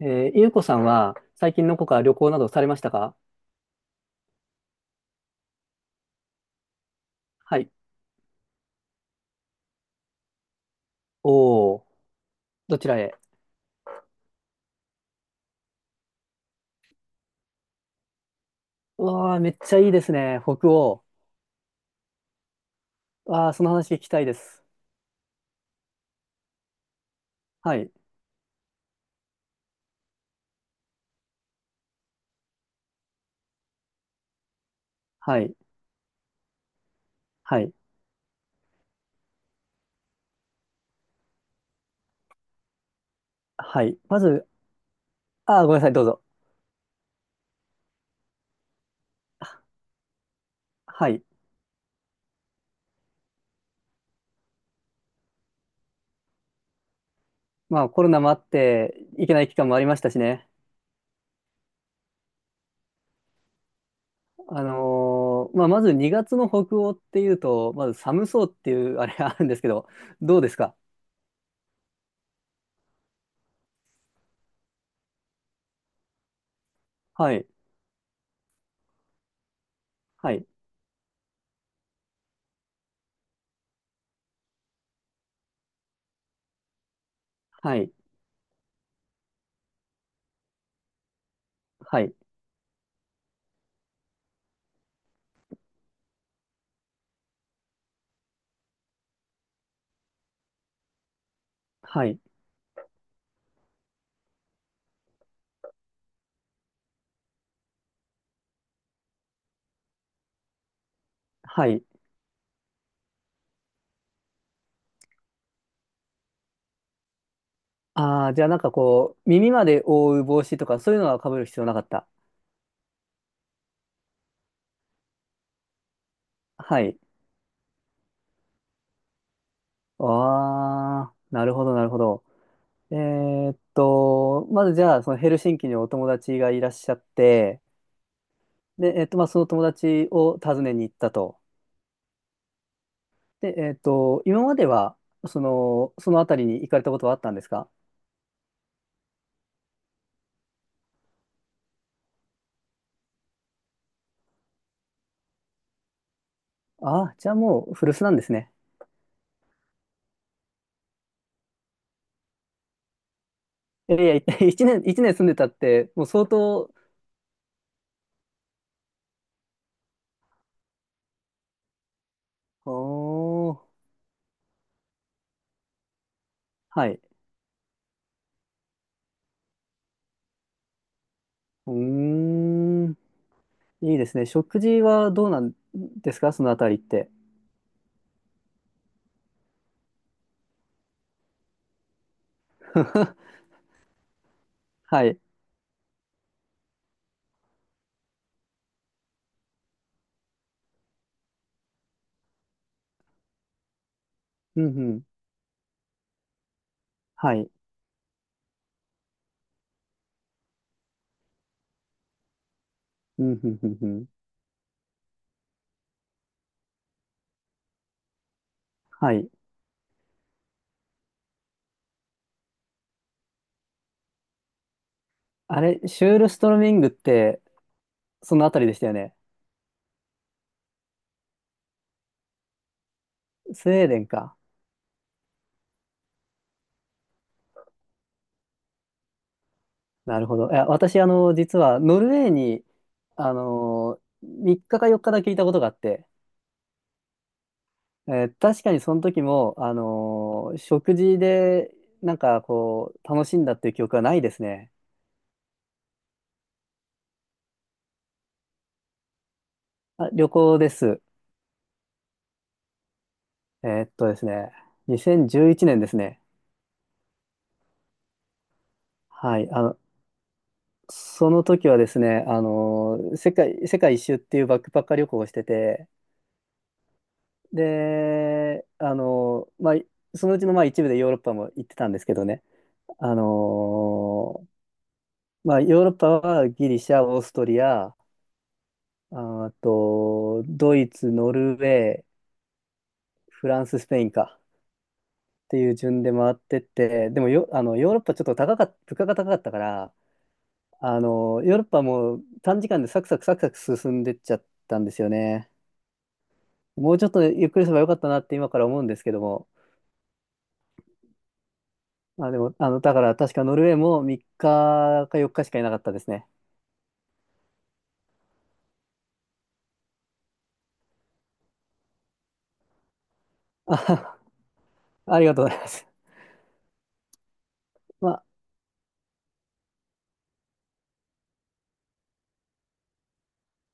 ゆうこさんは最近のこか旅行などされましたか？はい。おお、どちらへ？うわあ、めっちゃいいですね。北欧。わあ、その話聞きたいです。はい。はい。はい。はい。まず、ああ、ごめんなさい、どうぞ。はい。まあ、コロナもあって、行けない期間もありましたしね。まあ、まず2月の北欧っていうと、まず寒そうっていうあれがあるんですけど、どうですか？はい。はい。はい。はい。はい。はい。ああ、じゃあなんかこう、耳まで覆う帽子とかそういうのは被る必要なかった。はい。ああ、なるほど、なるほど。まずじゃあ、そのヘルシンキにお友達がいらっしゃって、で、まあ、その友達を訪ねに行ったと。で、今までは、その辺りに行かれたことはあったんですか？ああー、じゃあもう古巣なんですね。いやいや、一年、一年住んでたって、もう相当、おー、はい。うーん。いいですね。食事はどうなんですか、そのあたりって？はい。うんうん。はい。うんうんうんうん。はい。あれ、シュールストロミングって、そのあたりでしたよね。スウェーデンか。なるほど。いや、私、実は、ノルウェーに、3日か4日だけいたことがあって、確かにその時も、食事で、なんか、こう、楽しんだっていう記憶はないですね。あ、旅行です。ですね、2011年ですね。はい、その時はですね、世界一周っていうバックパッカー旅行をしてて、で、まあ、そのうちのまあ一部でヨーロッパも行ってたんですけどね、あの、まあ、ヨーロッパはギリシャ、オーストリア、あと、ドイツ、ノルウェー、フランス、スペインかっていう順で回ってって、でもよ、ヨーロッパちょっと高かった物価が高かったから、ヨーロッパも短時間でサクサクサクサク進んでっちゃったんですよね。もうちょっとゆっくりすればよかったなって今から思うんですけども。まあ、でも、だから確かノルウェーも3日か4日しかいなかったですね。あ、ありがとうございます。まあ、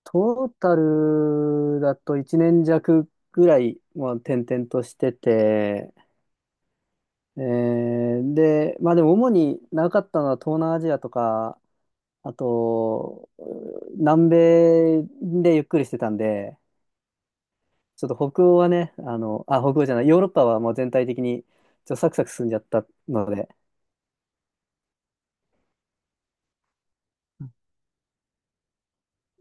トータルだと1年弱ぐらい、まあ、転々としてて、で、まあでも主に長かったのは東南アジアとか、あと、南米でゆっくりしてたんで、ちょっと北欧はね、あ、北欧じゃない、ヨーロッパはもう全体的にちょっとサクサク進んじゃったので、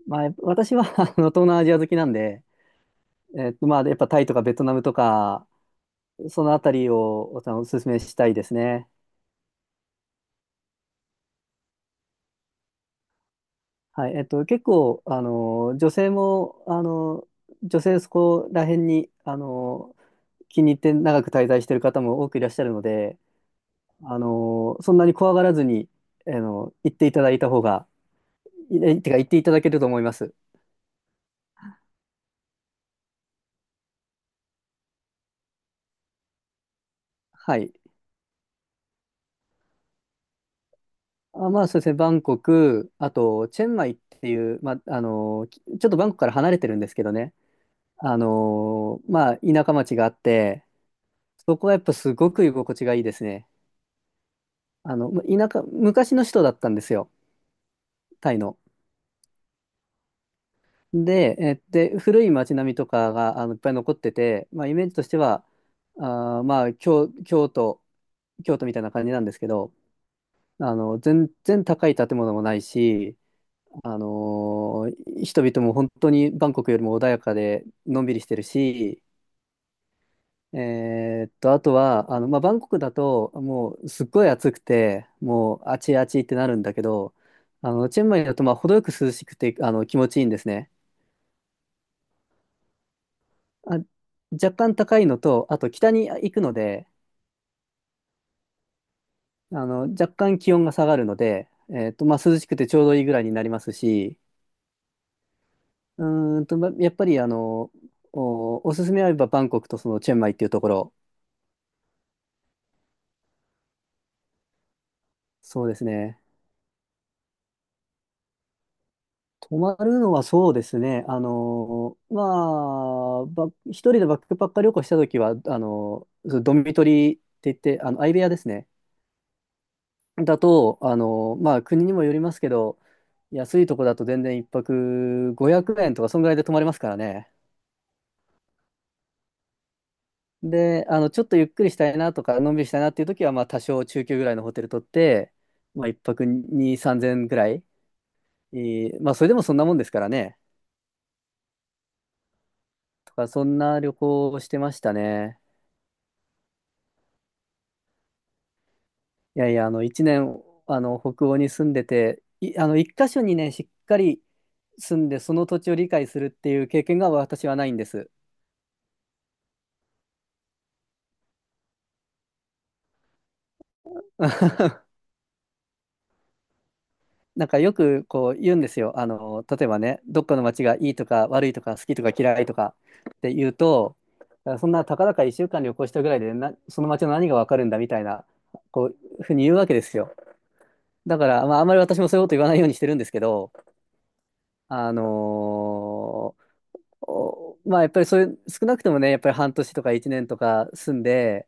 まあ、私は 東南アジア好きなんで、まあ、やっぱタイとかベトナムとか、そのあたりをお勧めしたいですね。はい、結構、女性も、女性そこら辺に、気に入って長く滞在してる方も多くいらっしゃるので、そんなに怖がらずに、行っていただいた方が、いえてか、行っていただけると思います。はい。あ、まあそうですね、バンコク、あと、チェンマイっていう、まあ、ちょっとバンコクから離れてるんですけどね、まあ、田舎町があって、そこはやっぱすごく居心地がいいですね。まあ昔の首都だったんですよ、タイの。で、古い町並みとかが、いっぱい残ってて、まあ、イメージとしては、まあ、京都みたいな感じなんですけど、全然高い建物もないし、人々も本当にバンコクよりも穏やかでのんびりしてるし、あとは、まあ、バンコクだともうすっごい暑くて、もうあちあちってなるんだけど、チェンマイだとまあ程よく涼しくて、気持ちいいんですね。あ、若干高いのと、あと北に行くので、若干気温が下がるので、まあ、涼しくてちょうどいいぐらいになりますし、うまあやっぱりおすすめあればバンコクとそのチェンマイっていうところ、そうですね。泊まるのはそうですね。まあ、一人でバックパッカー旅行したときは、そのドミトリーって言って、相部屋ですね。だと、まあ、国にもよりますけど、安いとこだと全然一泊500円とか、そんぐらいで泊まれますからね。で、ちょっとゆっくりしたいなとか、のんびりしたいなっていうときは、まあ、多少中級ぐらいのホテル取って、まあ、一泊2、3000円ぐらい。まあ、それでもそんなもんですからね。とか、そんな旅行をしてましたね。いやいや、一年、北欧に住んでて、一箇所にね、しっかり住んで、その土地を理解するっていう経験が私はないんです。なんかよくこう言うんですよ。例えばね、どっかの街がいいとか悪いとか好きとか嫌いとかって言うと、そんなたかだか1週間旅行したぐらいでな、その街の何がわかるんだみたいな、こう、ふうに言うわけですよ。だから、まあ、あんまり私もそういうこと言わないようにしてるんですけど、あのーおまあ、やっぱりそういう、少なくともね、やっぱり半年とか1年とか住んで、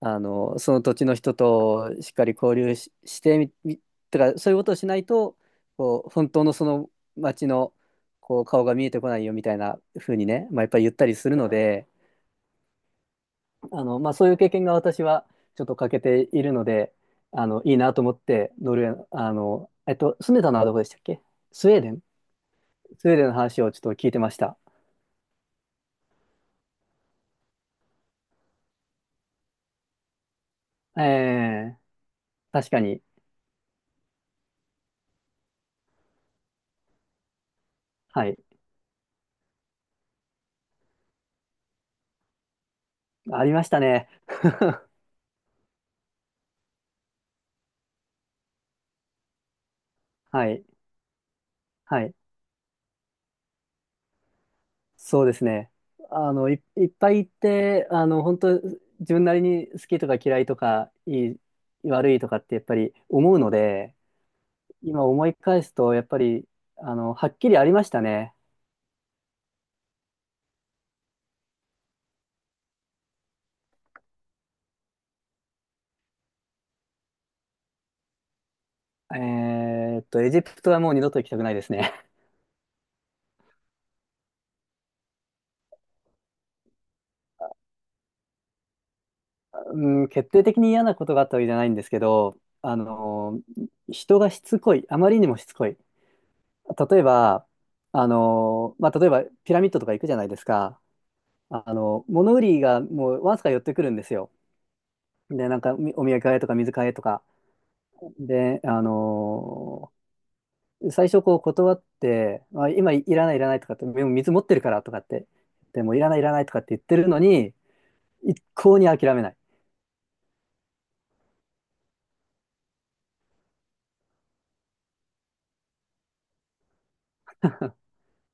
その土地の人としっかり交流し、してみ、み、とか、そういうことをしないと、こう、本当のその町の、こう、顔が見えてこないよみたいな風にね、まあ、やっぱり言ったりするので、まあ、そういう経験が私はちょっと欠けているので、いいなと思って、ノルウェーの、住んでたのはどこでしたっけ？スウェーデンの話をちょっと聞いてました。えー確かに。はい。ありましたね。はい。はい。そうですね。いっぱい行って、本当自分なりに好きとか嫌いとか、いい、悪いとかってやっぱり思うので、今思い返すと、やっぱり、はっきりありましたね。えエジプトはもう二度と行きたくないですね。うん、決定的に嫌なことがあったわけじゃないんですけど、人がしつこい。あまりにもしつこい。例えば、まあ、例えばピラミッドとか行くじゃないですか。物売りがもうわずか寄ってくるんですよ。で、なんかお土産買えとか水買えとか。で、最初こう断って、あ、今いらないいらないとかって、でも水持ってるからとかって、でもいらないいらないとかって言ってるのに、一向に諦めない。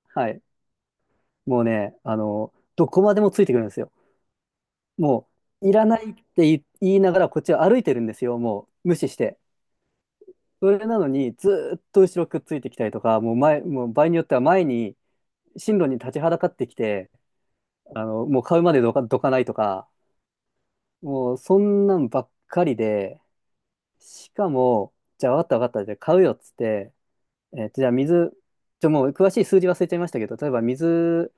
はい。もうね、どこまでもついてくるんですよ。もう、いらないって言いながらこっちは歩いてるんですよ。もう無視して。それなのにずーっと後ろくっついてきたりとか、もう場合によっては前に、進路に立ちはだかってきて、もう買うまでどかないとか、もうそんなんばっかりで、しかも、じゃあわかったわかった、じゃあ買うよっつって、じゃあ水、もう詳しい数字忘れちゃいましたけど、例えば水、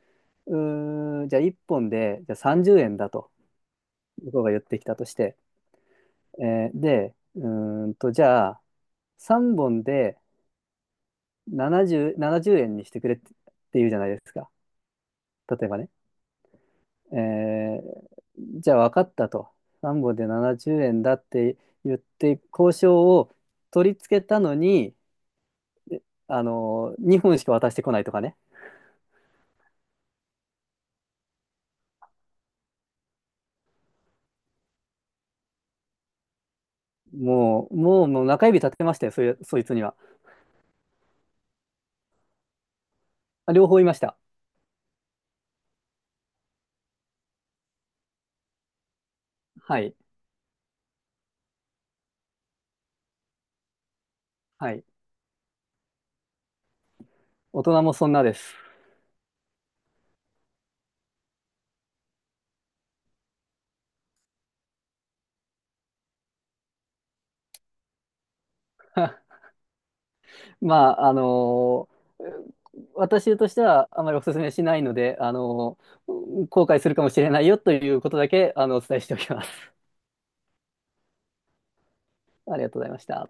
じゃあ1本で、じゃあ30円だと、向こうが言ってきたとして、で、じゃあ3本で70円にしてくれって言うじゃないですか。例えばね。えーじゃあ分かったと。3本で70円だって言って交渉を取り付けたのに、2本しか渡してこないとかね。もう、もう、もう中指立てましたよ、そいつには。両方いました。はい。はい。大人もそんなです。まあ、私としてはあまりお勧めしないので、後悔するかもしれないよということだけ、お伝えしておきます。ありがとうございました。